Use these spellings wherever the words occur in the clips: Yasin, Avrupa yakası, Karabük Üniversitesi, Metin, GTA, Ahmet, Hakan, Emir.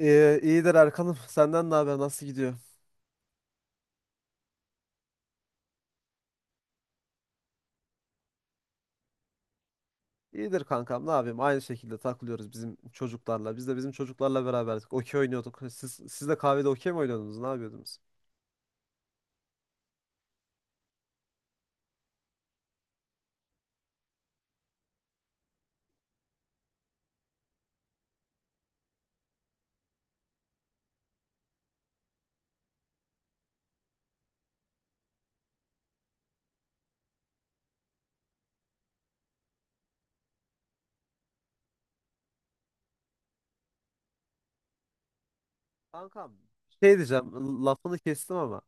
İyidir Erkan'ım. Senden ne haber? Nasıl gidiyor? İyidir kankam. Ne yapayım? Aynı şekilde takılıyoruz bizim çocuklarla. Biz de bizim çocuklarla beraberdik. Okey oynuyorduk. Siz de kahvede okey mi oynuyordunuz? Ne yapıyordunuz? Kankam şey diyeceğim, lafını kestim ama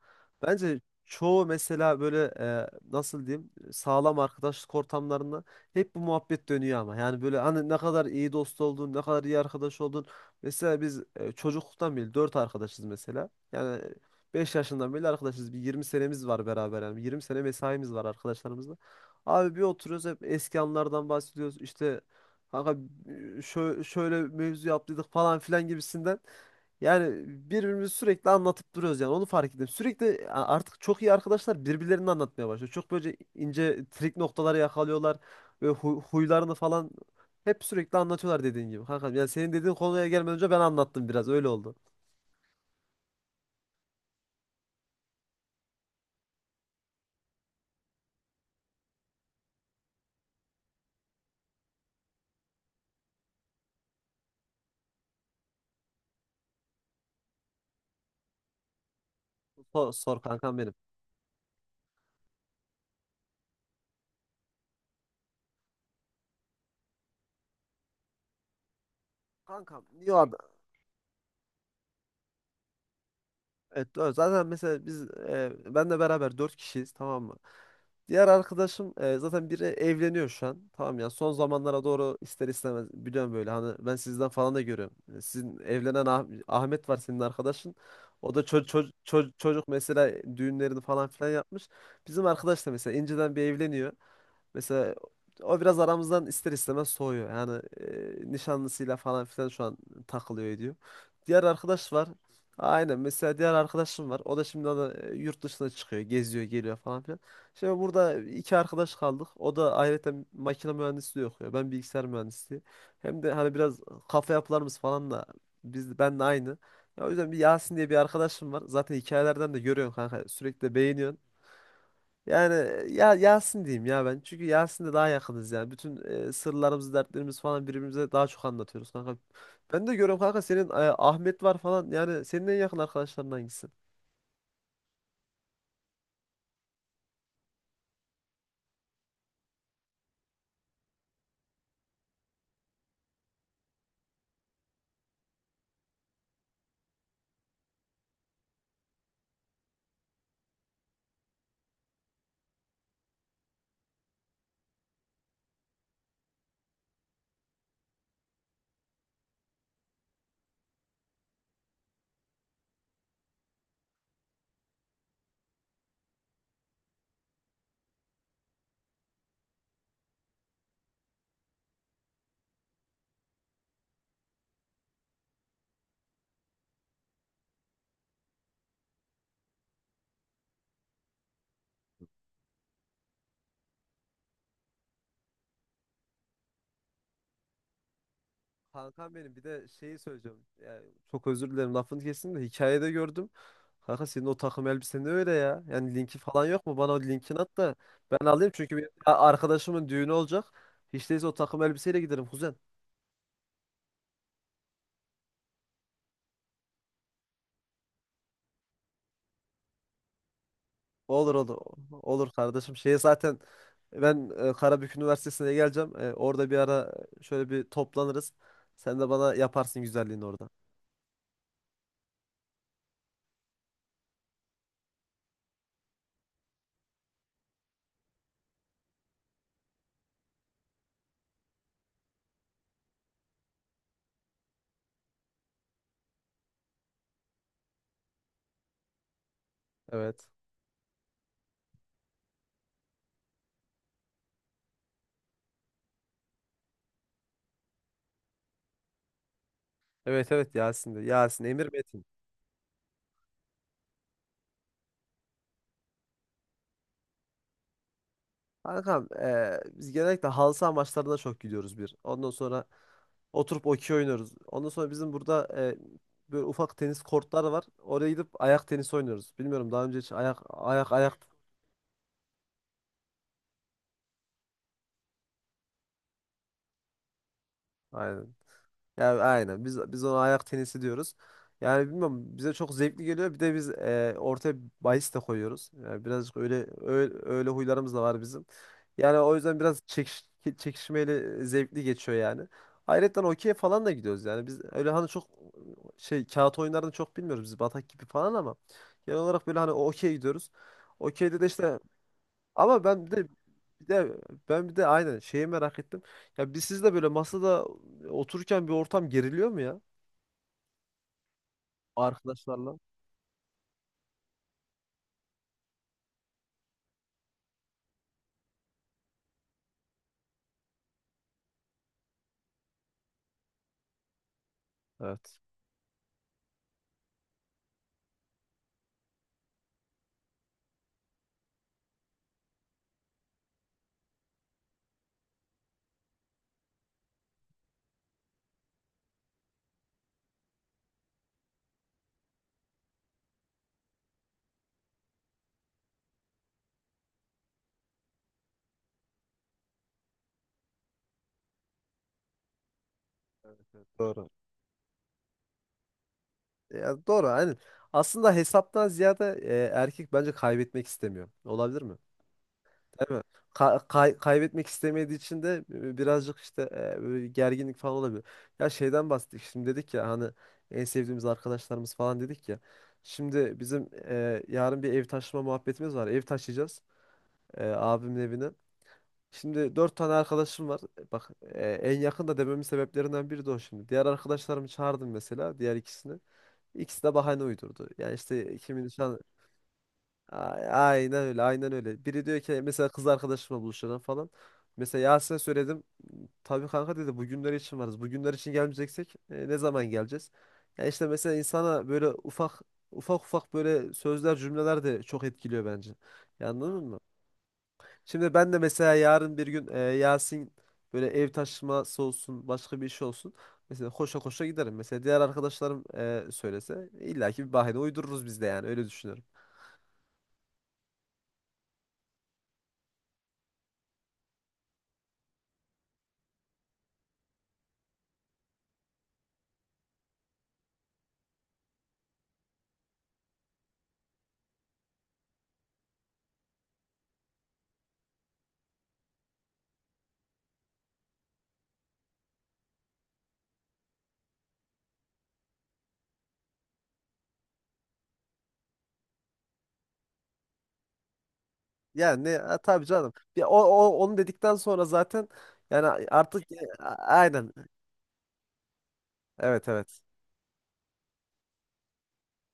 bence çoğu mesela böyle nasıl diyeyim, sağlam arkadaşlık ortamlarında hep bu muhabbet dönüyor ama yani böyle hani ne kadar iyi dost oldun, ne kadar iyi arkadaş oldun. Mesela biz çocukluktan beri dört arkadaşız mesela. Yani 5 yaşından beri arkadaşız, bir 20 senemiz var beraber, yani 20 sene mesaimiz var arkadaşlarımızla. Abi bir oturuyoruz hep eski anlardan bahsediyoruz işte kanka, şöyle mevzu yaptıydık falan filan gibisinden. Yani birbirimizi sürekli anlatıp duruyoruz, yani onu fark ettim. Sürekli artık çok iyi arkadaşlar birbirlerini anlatmaya başlıyor. Çok böyle ince trik noktaları yakalıyorlar ve huylarını falan hep sürekli anlatıyorlar dediğin gibi. Kankam yani senin dediğin konuya gelmeden önce ben anlattım, biraz öyle oldu. Sor, sor kankam benim. Kankam, niye o adam? Evet, doğru. Zaten mesela biz benle beraber dört kişiyiz, tamam mı? Diğer arkadaşım zaten biri evleniyor şu an. Tamam ya, son zamanlara doğru ister istemez, biliyorum böyle hani ben sizden falan da görüyorum. Sizin evlenen Ahmet var, senin arkadaşın. O da çocuk mesela, düğünlerini falan filan yapmış. Bizim arkadaş da mesela inceden bir evleniyor. Mesela o biraz aramızdan ister istemez soğuyor. Yani nişanlısıyla falan filan şu an takılıyor ediyor. Diğer arkadaş var. Aynen, mesela diğer arkadaşım var. O da şimdi da yurt dışına çıkıyor, geziyor, geliyor falan filan. Şimdi burada iki arkadaş kaldık. O da ayrıca makine mühendisliği okuyor, ben bilgisayar mühendisliği. Hem de hani biraz kafa yapılarımız falan da ben de aynı. Ya, o yüzden bir Yasin diye bir arkadaşım var. Zaten hikayelerden de görüyorsun kanka, sürekli de beğeniyorsun. Yani ya Yasin diyeyim ya ben, çünkü Yasin'le daha yakınız yani. Bütün sırlarımızı, dertlerimiz falan birbirimize daha çok anlatıyoruz kanka. Ben de görüyorum kanka senin Ahmet var falan. Yani senin en yakın arkadaşların hangisi? Kankam benim, bir de şeyi söyleyeceğim. Yani çok özür dilerim lafını kestim de, hikayede gördüm. Kanka senin o takım elbisen de öyle ya. Yani linki falan yok mu? Bana o linkini at da ben alayım, çünkü benim arkadaşımın düğünü olacak. Hiç değilse o takım elbiseyle giderim kuzen. Olur olur. Olur kardeşim. Şeye zaten ben Karabük Üniversitesi'ne geleceğim. Orada bir ara şöyle bir toplanırız. Sen de bana yaparsın güzelliğini orada. Evet. Evet, evet, Yasin'de. Yasin, Emir, Metin. Kankam biz genellikle halı saha maçlarına çok gidiyoruz bir. Ondan sonra oturup okey oynuyoruz. Ondan sonra bizim burada böyle ufak tenis kortları var, oraya gidip ayak tenisi oynuyoruz. Bilmiyorum daha önce hiç ayak ayak ayak. Aynen. Yani aynen. Biz ona ayak tenisi diyoruz. Yani bilmiyorum, bize çok zevkli geliyor. Bir de biz ortaya bahis de koyuyoruz. Yani birazcık öyle öyle, öyle huylarımız da var bizim. Yani o yüzden biraz çekişmeyle zevkli geçiyor yani. Ayrıca okey falan da gidiyoruz yani. Biz öyle hani çok şey, kağıt oyunlarını çok bilmiyoruz biz, batak gibi falan, ama genel olarak böyle hani okey gidiyoruz. Okey'de de işte ama de ben bir de aynen şeyi merak ettim. Ya siz de böyle masada otururken bir ortam geriliyor mu ya arkadaşlarla? Evet. Evet, evet. Doğru. Ya doğru, aynen. Aslında hesaptan ziyade erkek bence kaybetmek istemiyor. Olabilir mi? Değil mi? Kaybetmek istemediği için de birazcık işte böyle gerginlik falan olabilir. Ya şeyden bahsettik. Şimdi dedik ya hani en sevdiğimiz arkadaşlarımız falan dedik ya. Şimdi bizim yarın bir ev taşıma muhabbetimiz var. Ev taşıyacağız, abimin evine. Şimdi dört tane arkadaşım var. Bak, en yakın da dememin sebeplerinden biri de o şimdi. Diğer arkadaşlarımı çağırdım mesela, diğer ikisini. İkisi de bahane uydurdu. Yani işte kimin nişan... A- Aynen öyle, aynen öyle. Biri diyor ki mesela kız arkadaşımla buluşalım falan. Mesela Yasin'e söyledim. Tabii kanka, dedi, bugünler için varız. Bugünler için gelmeyeceksek ne zaman geleceğiz? Ya işte mesela insana böyle ufak ufak ufak böyle sözler, cümleler de çok etkiliyor bence. Ya anladın mı? Şimdi ben de mesela yarın bir gün Yasin böyle ev taşıması olsun, başka bir iş olsun, mesela koşa koşa giderim. Mesela diğer arkadaşlarım söylese illaki bir bahane uydururuz biz de, yani öyle düşünüyorum. Yani ne, ha, tabii canım. Ya o, o onu dedikten sonra zaten yani artık aynen. Evet, evet.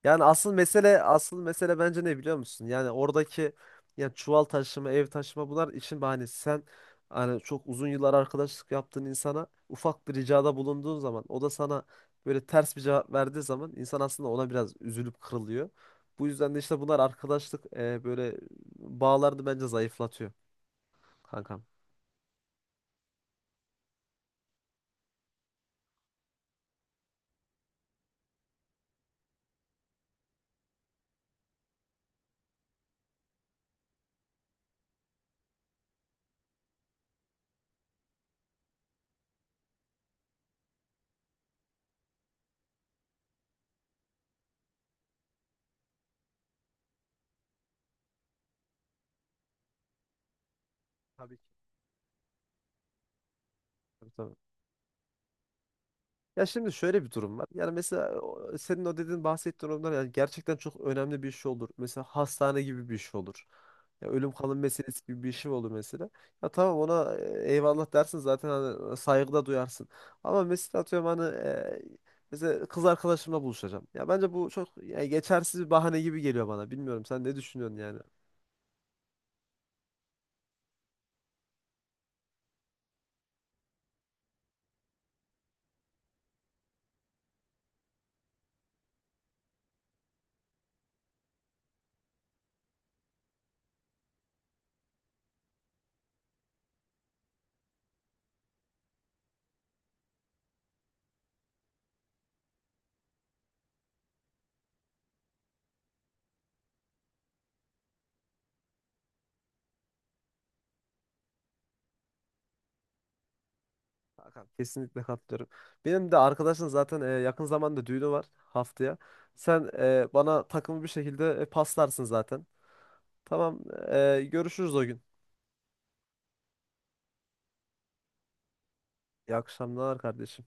Yani asıl mesele, asıl mesele bence ne biliyor musun? Yani oradaki, yani çuval taşıma, ev taşıma, bunlar işin bahanesi. Sen hani çok uzun yıllar arkadaşlık yaptığın insana ufak bir ricada bulunduğun zaman, o da sana böyle ters bir cevap verdiği zaman, insan aslında ona biraz üzülüp kırılıyor. Bu yüzden de işte bunlar arkadaşlık böyle bağlarını bence zayıflatıyor kankam. Tabii ki. Tabii, tabii. Ya şimdi şöyle bir durum var. Yani mesela senin o dediğin, bahsettiğin durumlar, yani gerçekten çok önemli bir iş olur. Mesela hastane gibi bir iş olur. Ya ölüm kalım meselesi gibi bir şey olur mesela. Ya tamam, ona eyvallah dersin zaten, hani saygı duyarsın. Ama mesela atıyorum hani mesela kız arkadaşımla buluşacağım. Ya bence bu çok yani geçersiz bir bahane gibi geliyor bana. Bilmiyorum sen ne düşünüyorsun yani? Hakan, kesinlikle katılıyorum. Benim de arkadaşın zaten yakın zamanda düğünü var, haftaya. Sen bana takımı bir şekilde paslarsın zaten. Tamam, görüşürüz o gün. İyi akşamlar kardeşim.